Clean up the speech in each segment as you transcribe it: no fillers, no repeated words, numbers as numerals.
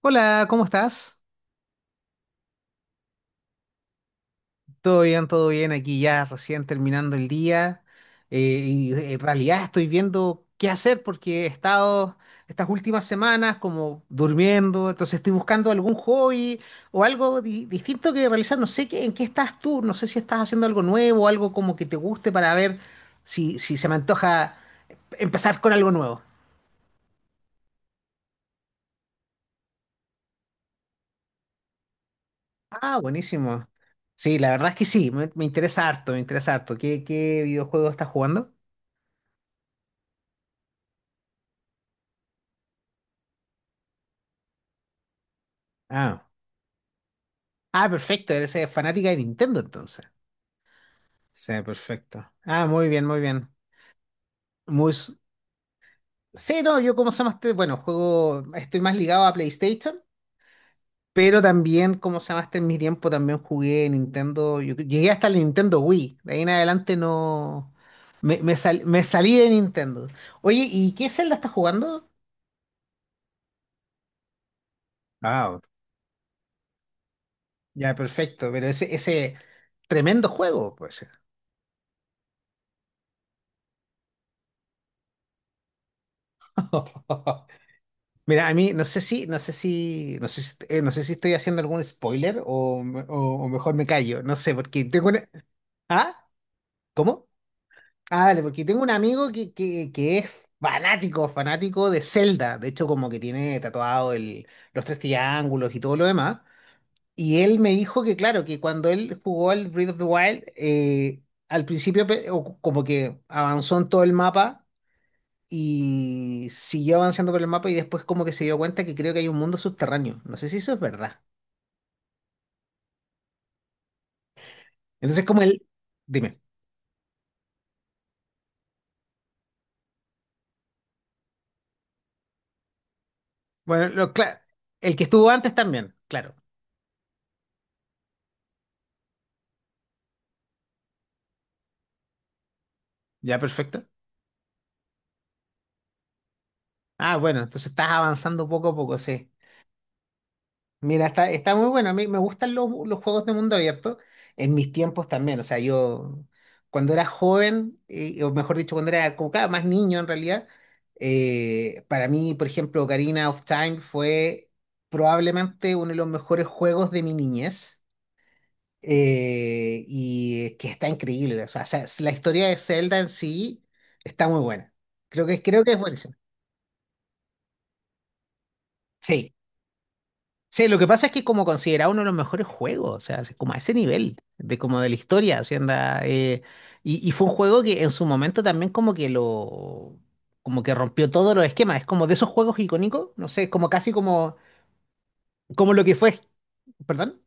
Hola, ¿cómo estás? Todo bien, todo bien. Aquí ya recién terminando el día. Eh, en realidad estoy viendo qué hacer porque he estado estas últimas semanas como durmiendo. Entonces estoy buscando algún hobby o algo distinto que realizar. No sé qué, en qué estás tú. No sé si estás haciendo algo nuevo, algo como que te guste para ver si se me antoja empezar con algo nuevo. Ah, buenísimo. Sí, la verdad es que sí. Me interesa harto, me interesa harto. ¿Qué videojuego estás jugando? Ah. Ah, perfecto, eres fanática de Nintendo entonces. Sí, perfecto. Ah, muy bien, muy bien. Muy... s- Sí, no, yo como se llama este, bueno, juego, estoy más ligado a PlayStation, pero también como se llama este en mi tiempo también jugué Nintendo, yo llegué hasta el Nintendo Wii, de ahí en adelante no, me salí de Nintendo. Oye, ¿y qué Zelda estás jugando? Ah, ya, perfecto, pero ese tremendo juego, pues. Mira, a mí no sé si, no sé si, no sé si, no sé si estoy haciendo algún spoiler o mejor me callo, no sé, porque tengo una... ¿Ah? ¿Cómo? Ah, vale, porque tengo un amigo que es fanático, fanático de Zelda, de hecho como que tiene tatuado los tres triángulos y todo lo demás, y él me dijo que claro, que cuando él jugó al Breath of the Wild, al principio o como que avanzó en todo el mapa y siguió avanzando por el mapa y después como que se dio cuenta que creo que hay un mundo subterráneo. No sé si eso es verdad. Entonces como él, dime. Bueno, el que estuvo antes también, claro. Ya, perfecto. Ah, bueno, entonces estás avanzando poco a poco, sí. Mira, está muy bueno. A mí me gustan los juegos de mundo abierto en mis tiempos también. O sea, yo cuando era joven, o mejor dicho, cuando era como cada más niño en realidad, para mí, por ejemplo, Ocarina of Time fue probablemente uno de los mejores juegos de mi niñez. Y que está increíble. O sea, la historia de Zelda en sí está muy buena. Creo que es buenísima. Sí. Sí, lo que pasa es que es como considerado uno de los mejores juegos, o sea, es como a ese nivel de como de la historia, o sea, anda, y fue un juego que en su momento también como que lo, como que rompió todos los esquemas, es como de esos juegos icónicos, no sé, como casi como, como lo que fue, perdón,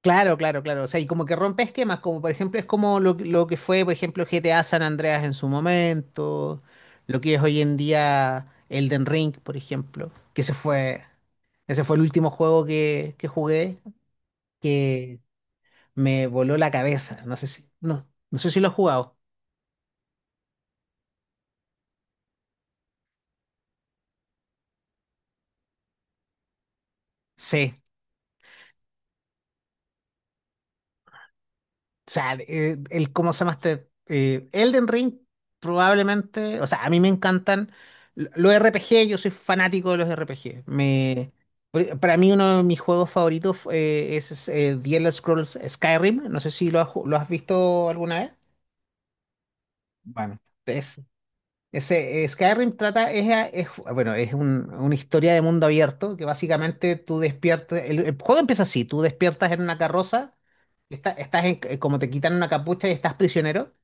claro, claro, claro, o sea, y como que rompe esquemas, como por ejemplo es como lo, lo que fue, por ejemplo, GTA San Andreas en su momento, lo que es hoy en día Elden Ring, por ejemplo, que se fue... Ese fue el último juego que jugué. Que me voló la cabeza. No sé si lo has jugado. Sí. O sea, el cómo se llama este Elden Ring, probablemente. O sea, a mí me encantan los RPG, yo soy fanático de los RPG. Para mí, uno de mis juegos favoritos The Elder Scrolls Skyrim. No sé si lo has visto alguna vez. Bueno, es Skyrim trata, bueno, es una historia de mundo abierto que básicamente tú despiertas, el juego empieza así, tú despiertas en una carroza, estás como te quitan una capucha y estás prisionero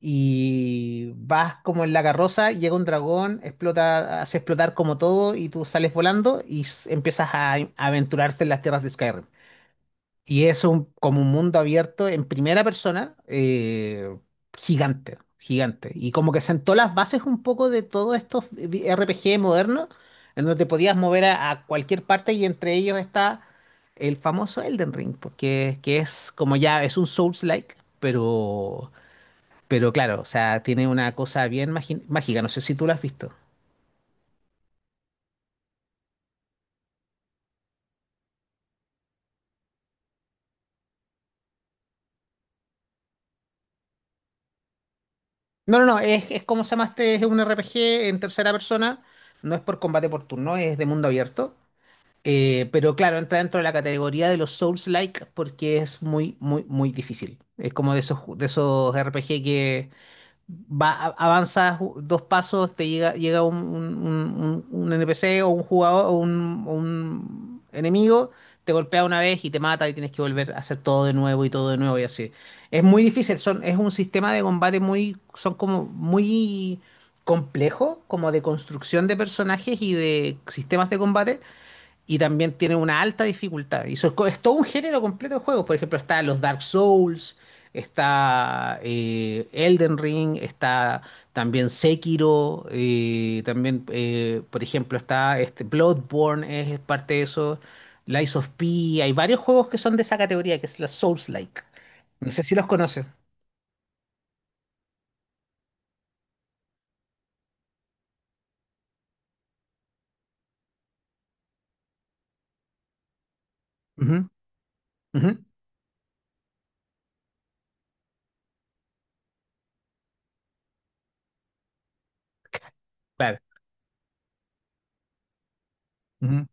y vas como en la carroza, llega un dragón, explota, hace explotar como todo y tú sales volando y empiezas a aventurarte en las tierras de Skyrim. Y es un, como un mundo abierto en primera persona, gigante, gigante. Y como que sentó las bases un poco de todos estos RPG modernos, en donde te podías mover a cualquier parte y entre ellos está el famoso Elden Ring, porque que es como ya es un Souls-like, pero, claro, o sea, tiene una cosa bien mágica. No sé si tú lo has visto. No, no, no, es como se llama este, es un RPG en tercera persona, no es por combate por turno, es de mundo abierto. Pero claro, entra dentro de la categoría de los Souls-like porque es muy, muy, muy difícil. Es como de esos, de esos RPG que va, avanzas dos pasos, te llega, llega un, un NPC o un jugador o un enemigo, te golpea una vez y te mata y tienes que volver a hacer todo de nuevo y todo de nuevo y así. Es muy difícil, son, es un sistema de combate muy, son como muy complejo, como de construcción de personajes y de sistemas de combate y también tiene una alta dificultad. Y eso es, es todo un género completo de juegos. Por ejemplo, está los Dark Souls, está Elden Ring, está también Sekiro, por ejemplo, está este Bloodborne, es parte de eso. Lies of P, hay varios juegos que son de esa categoría, que es la Souls-like. No sé si los conoces. Ujú, ujú, claro. Ujú.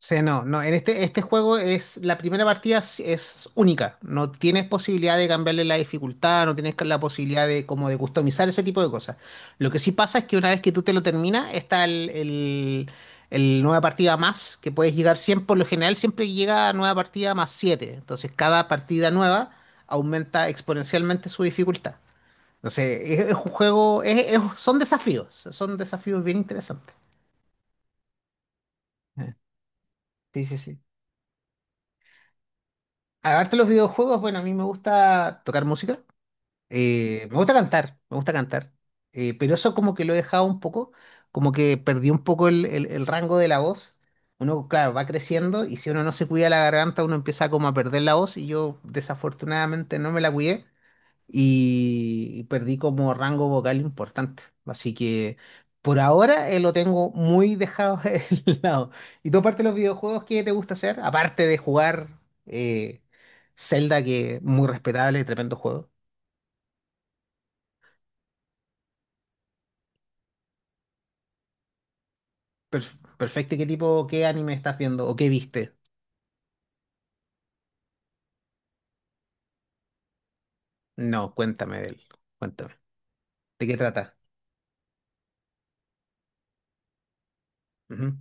Sí, no, no, en este juego es la primera partida es única. No tienes posibilidad de cambiarle la dificultad, no tienes la posibilidad de como de customizar ese tipo de cosas. Lo que sí pasa es que una vez que tú te lo terminas, está el nueva partida más, que puedes llegar siempre, por lo general siempre llega a nueva partida más 7. Entonces cada partida nueva aumenta exponencialmente su dificultad. Entonces, es un juego, son desafíos bien interesantes. Eh, Sí, sí, sí. Aparte de los videojuegos, bueno, a mí me gusta tocar música, me gusta cantar, pero eso como que lo he dejado un poco, como que perdí un poco el rango de la voz. Uno, claro, va creciendo y si uno no se cuida la garganta, uno empieza como a perder la voz y yo desafortunadamente no me la cuidé y perdí como rango vocal importante. Así que por ahora lo tengo muy dejado de lado. ¿Y tú aparte de los videojuegos, qué te gusta hacer? Aparte de jugar eh, Zelda, que muy respetable, tremendo juego. Per- perfecto, ¿y qué tipo, qué anime estás viendo o qué viste? No, cuéntame de él. Cuéntame. ¿De qué trata? Ujú.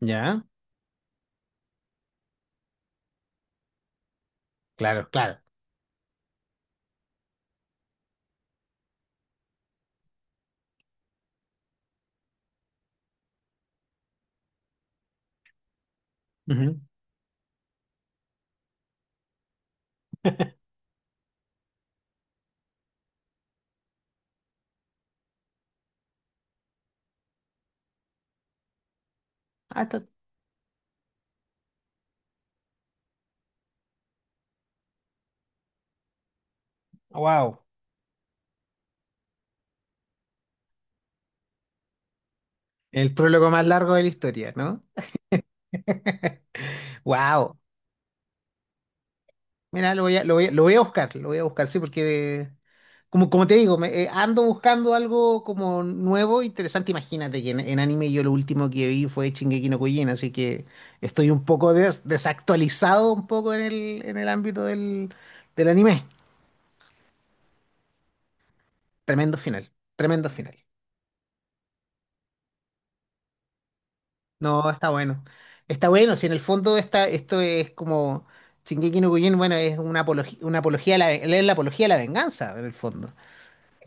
¿Ya? Claro, claro. Ujú. Ah, está- Wow. El prólogo más largo de la historia, ¿no? Wow. Mira, lo voy a buscar, lo voy a buscar, sí, porque como, como te digo, me, ando buscando algo como nuevo, interesante. Imagínate que en anime yo lo último que vi fue Shingeki no Kyojin, así que estoy un poco desactualizado un poco en en el ámbito del anime. Tremendo final, tremendo final. No, está bueno. Está bueno, si en el fondo está, esto es como Shingeki no Kyojin, bueno, es una apología a la, es la apología a la venganza, en el fondo.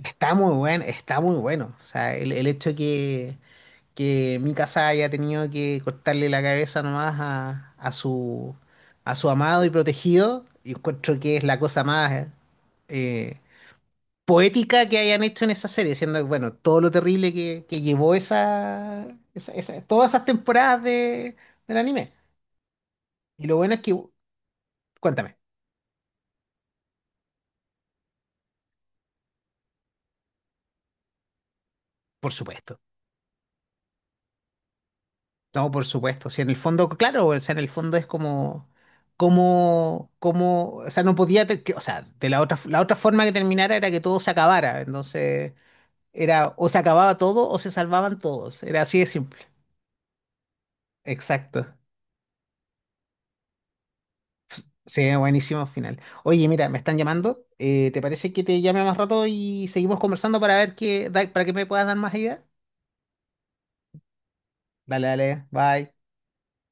Está muy bueno, está muy bueno. O sea, el hecho que Mikasa haya tenido que cortarle la cabeza nomás a su amado y protegido, y encuentro que es la cosa más eh, poética que hayan hecho en esa serie, siendo bueno, todo lo terrible que llevó esa, todas esas temporadas de, del anime. Y lo bueno es que, cuéntame, por supuesto. No, por supuesto. Si en el fondo, claro, o sea, en el fondo es como, o sea, no podía, o sea, de la otra forma que terminara era que todo se acabara. Entonces, era o se acababa todo o se salvaban todos. Era así de simple. Exacto. Sí, buenísimo final. Oye, mira, me están llamando. ¿Te parece que te llame más rato y seguimos conversando para ver qué, para que me puedas dar más ideas? Dale, dale, bye.